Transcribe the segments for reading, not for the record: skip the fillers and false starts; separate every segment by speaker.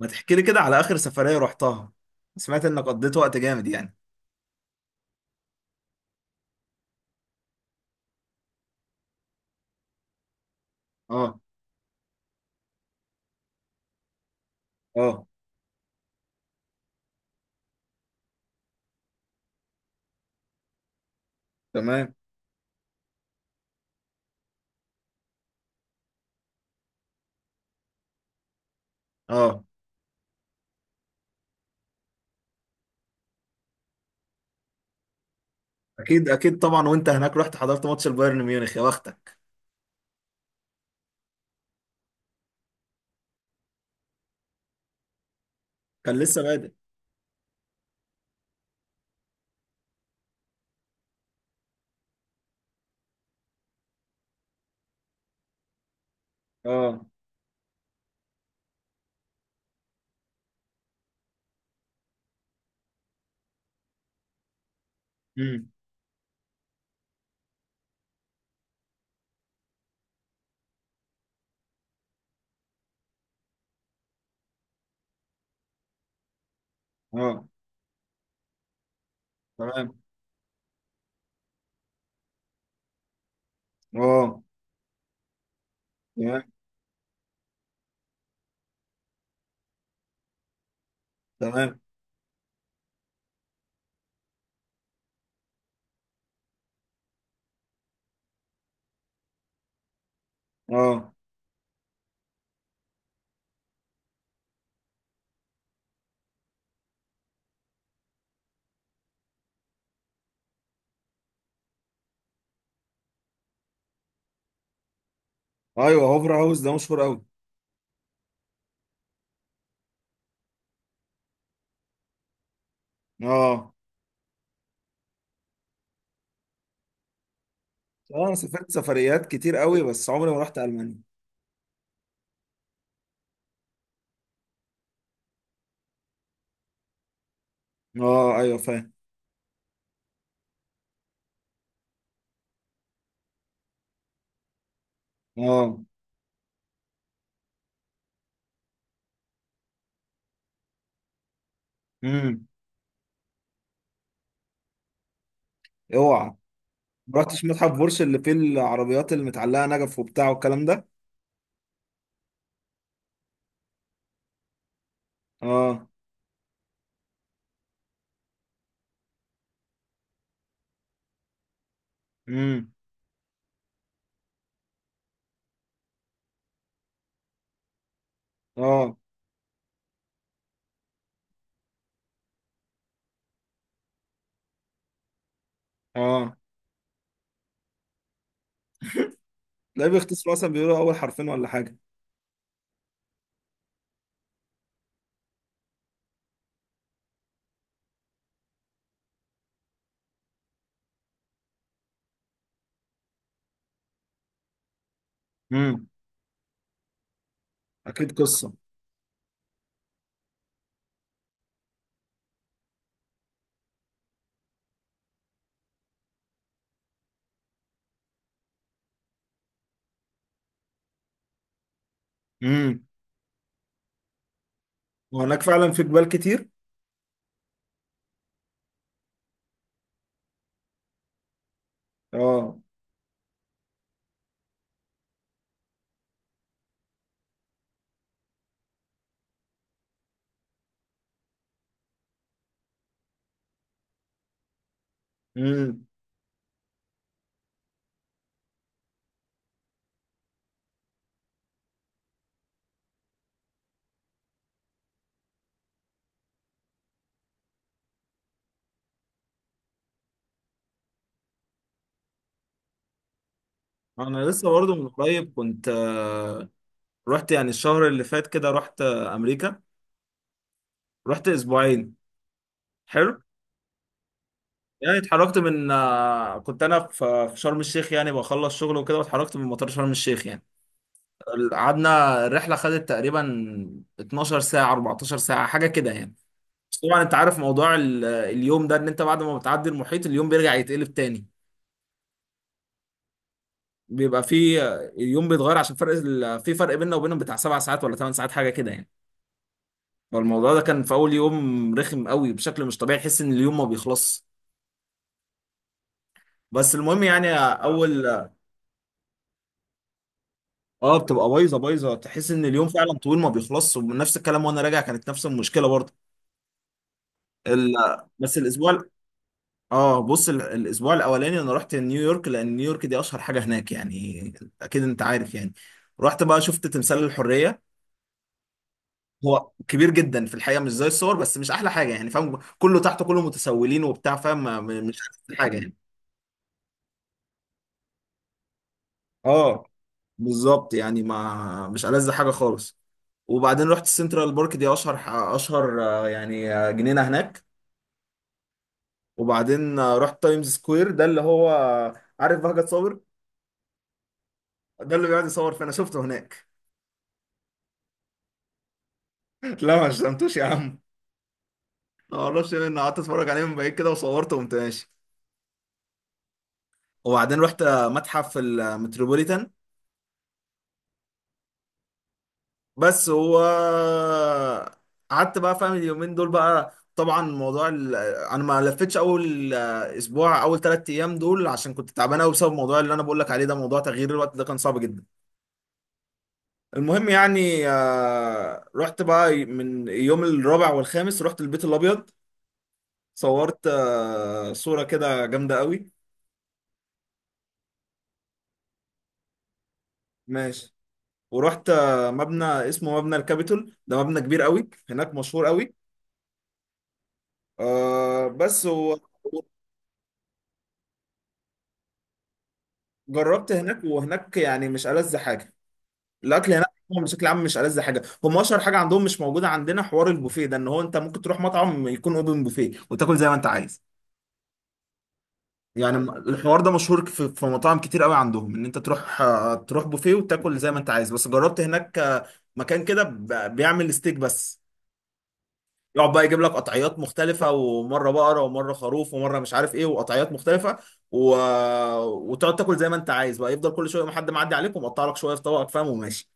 Speaker 1: ما تحكي لي كده على آخر سفرية رحتها؟ سمعت إنك قضيت وقت جامد يعني. اه، اه، تمام، اه. أكيد أكيد طبعا، وأنت هناك رحت حضرت ماتش البايرن ميونخ؟ يا بختك! كان لسه بادئ. اه. امم اه، تمام، اه، تمام، تمام، اه، أيوه. هوفر هاوس ده مشهور أوي. اه. أنا سافرت سفريات كتير أوي بس عمري ما رحت ألمانيا. اه، أيوه فاهم. اه. امم اوعى! ما رحتش متحف بورش اللي فيه العربيات المتعلقة نجف وبتاع والكلام ده. اه. امم اه، اه، تلاقيه بيختصروا مثلا بيقولوا اول حرفين ولا حاجه. امم اكيد قصه. امم وهناك فعلا في جبال كتير. اه. امم انا لسه برضه من قريب كنت، رحت يعني الشهر اللي فات كده، رحت امريكا. رحت اسبوعين. حلو. يعني اتحركت من، كنت انا في شرم الشيخ يعني بخلص شغل وكده، واتحركت من مطار شرم الشيخ يعني. قعدنا الرحله، خدت تقريبا 12 ساعه، 14 ساعه، حاجه كده يعني. بس طبعا انت عارف موضوع اليوم ده، ان انت بعد ما بتعدي المحيط اليوم بيرجع يتقلب تاني. بيبقى فيه اليوم بيتغير، عشان فرق في فرق بيننا وبينهم بتاع 7 ساعات ولا 8 ساعات، حاجه كده يعني. فالموضوع ده كان في اول يوم رخم قوي بشكل مش طبيعي، تحس ان اليوم ما بيخلصش. بس المهم يعني اول. اه، بتبقى بايظه بايظه، تحس ان اليوم فعلا طويل ما بيخلصش، ونفس الكلام وانا راجع كانت نفس المشكله برضه. ال... بس الاسبوع. اه بص، الاسبوع الاولاني انا رحت نيويورك، لان نيويورك دي اشهر حاجه هناك يعني. اكيد انت عارف يعني. رحت بقى شفت تمثال الحريه. هو كبير جدا في الحقيقه مش زي الصور، بس مش احلى حاجه يعني فاهم، كله تحته كله متسولين وبتاع فاهم، مش احسن حاجه يعني. اه، بالظبط يعني، ما مش ألذ حاجه خالص. وبعدين رحت سنترال بارك، دي اشهر اشهر يعني جنينه هناك. وبعدين رحت تايمز سكوير، ده اللي هو عارف بهجت صابر؟ ده اللي بيقعد يصور، فانا شفته هناك. لا، ما شتمتوش يا عم. ما اعرفش إيه، انا قعدت اتفرج عليه من بعيد كده وصورته وقمت ماشي. وبعدين رحت متحف المتروبوليتان. بس هو قعدت بقى فاهم اليومين دول بقى، طبعا موضوع انا ما لفتش اول اسبوع، اول 3 ايام دول عشان كنت تعبان قوي، بسبب الموضوع اللي انا بقول لك عليه ده، موضوع تغيير الوقت ده كان صعب جدا. المهم يعني رحت بقى من يوم الرابع والخامس رحت البيت الابيض. صورت صورة كده جامدة قوي. ماشي. ورحت مبنى اسمه مبنى الكابيتول، ده مبنى كبير قوي هناك، مشهور قوي. آه بس و- وجربت هناك، وهناك يعني مش ألذ حاجة الأكل هناك. هو بشكل عام مش ألذ حاجة. هم أشهر حاجة عندهم مش موجودة عندنا، حوار البوفيه ده، إن هو أنت ممكن تروح مطعم يكون أوبن بوفيه وتاكل زي ما أنت عايز. يعني الحوار ده مشهور في مطاعم كتير قوي عندهم، ان انت تروح تروح بوفيه وتاكل زي ما انت عايز. بس جربت هناك مكان كده بيعمل ستيك بس. يقعد بقى يجيب لك قطعيات مختلفة، ومرة بقرة ومرة خروف ومرة مش عارف ايه، وقطعيات مختلفة و... وتقعد تاكل زي ما انت عايز بقى، يفضل كل شوية ما حد معدي عليك ومقطع لك شوية في طبقك فاهم وماشي.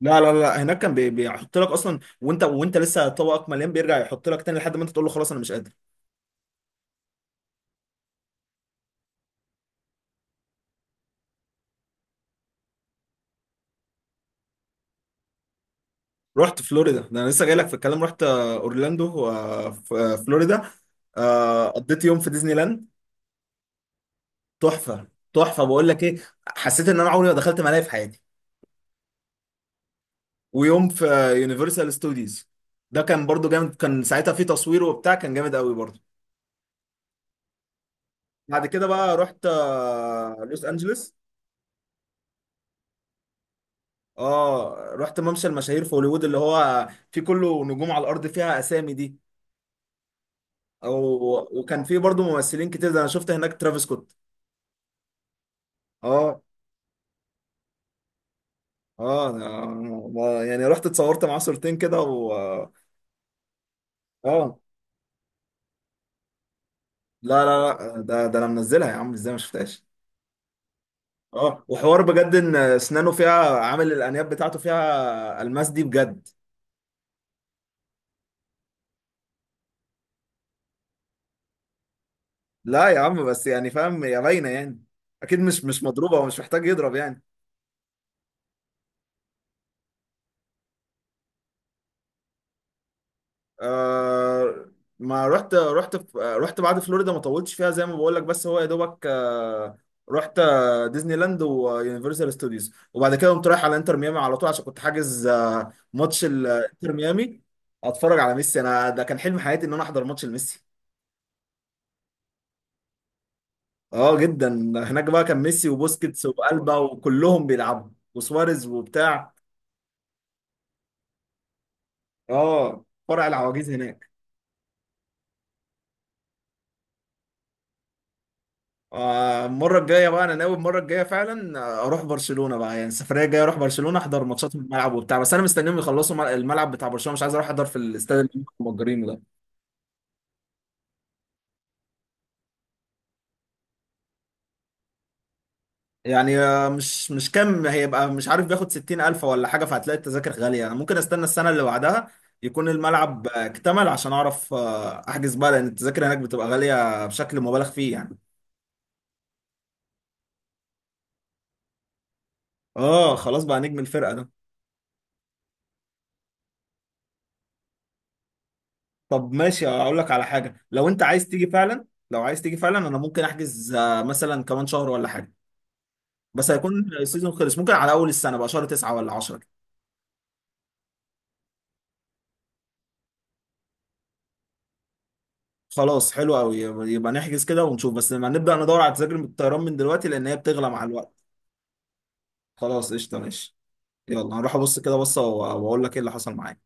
Speaker 1: لا لا لا، هناك كان بيحط لك اصلا، وانت لسه طبقك مليان بيرجع يحط لك تاني، لحد ما انت تقول له خلاص انا مش قادر. رحت فلوريدا، ده انا لسه جاي لك في الكلام. رحت اورلاندو في فلوريدا. قضيت يوم في ديزني لاند. تحفة! تحفة بقول لك ايه. حسيت ان انا عمري ما دخلت ملاهي في حياتي. ويوم في يونيفرسال ستوديوز، ده كان برضو جامد. كان ساعتها في تصوير وبتاع، كان جامد قوي برضو. بعد كده بقى رحت لوس انجلوس. اه، رحت ممشى المشاهير في هوليوود، اللي هو في كله نجوم على الارض فيها اسامي دي. او، وكان في برضو ممثلين كتير، ده انا شفت هناك ترافيس سكوت. اه، اه، يعني رحت اتصورت معاه صورتين كده و اه. آه. لا لا لا، ده ده انا منزلها يا عم ازاي ما شفتهاش؟ اه، وحوار بجد، ان اسنانه فيها عامل الانياب بتاعته فيها الماس دي بجد. لا يا عم، بس يعني فاهم يا باينه يعني. اكيد مش مضروبه، ومش محتاج يضرب يعني. آه، ما رحت رحت في رحت بعد فلوريدا ما طولتش فيها زي ما بقول لك، بس هو يا دوبك آه. رحت ديزني لاند ويونيفرسال ستوديوز، وبعد كده قمت رايح على انتر ميامي على طول، عشان كنت حاجز آه ماتش الانتر ميامي. اتفرج على ميسي. انا ده كان حلم حياتي ان انا احضر ماتش لميسي. اه جدا. هناك بقى كان ميسي وبوسكيتس والبا وكلهم بيلعبوا، وسواريز وبتاع. اه، فرع العواجيز هناك. المره الجايه بقى انا ناوي المره الجايه فعلا، اروح برشلونه بقى. يعني السفريه الجايه اروح برشلونه، احضر ماتشات في الملعب وبتاع. بس انا مستنيهم يخلصوا الملعب بتاع برشلونه. مش عايز اروح احضر في الاستاد اللي هم مأجرينه ده. يعني مش كام هيبقى، مش عارف بياخد 60 ألف ولا حاجة. فهتلاقي التذاكر غالية. أنا ممكن استنى السنة اللي بعدها يكون الملعب اكتمل عشان أعرف أحجز بقى، لأن التذاكر هناك بتبقى غالية بشكل مبالغ فيه يعني. آه، خلاص بقى نجم الفرقة ده. طب ماشي، أقول لك على حاجة. لو أنت عايز تيجي فعلا، لو عايز تيجي فعلا أنا ممكن أحجز مثلا كمان شهر ولا حاجة. بس هيكون السيزون خلص، ممكن على أول السنة بقى، شهر 9 ولا عشرة. خلاص حلو أوي، يبقى نحجز كده ونشوف. بس لما نبدأ ندور على تذاكر الطيران من دلوقتي، لأن هي بتغلى مع الوقت. خلاص قشطة ماشي. يلا، هروح أبص كده بصة وأقول لك إيه اللي حصل معايا.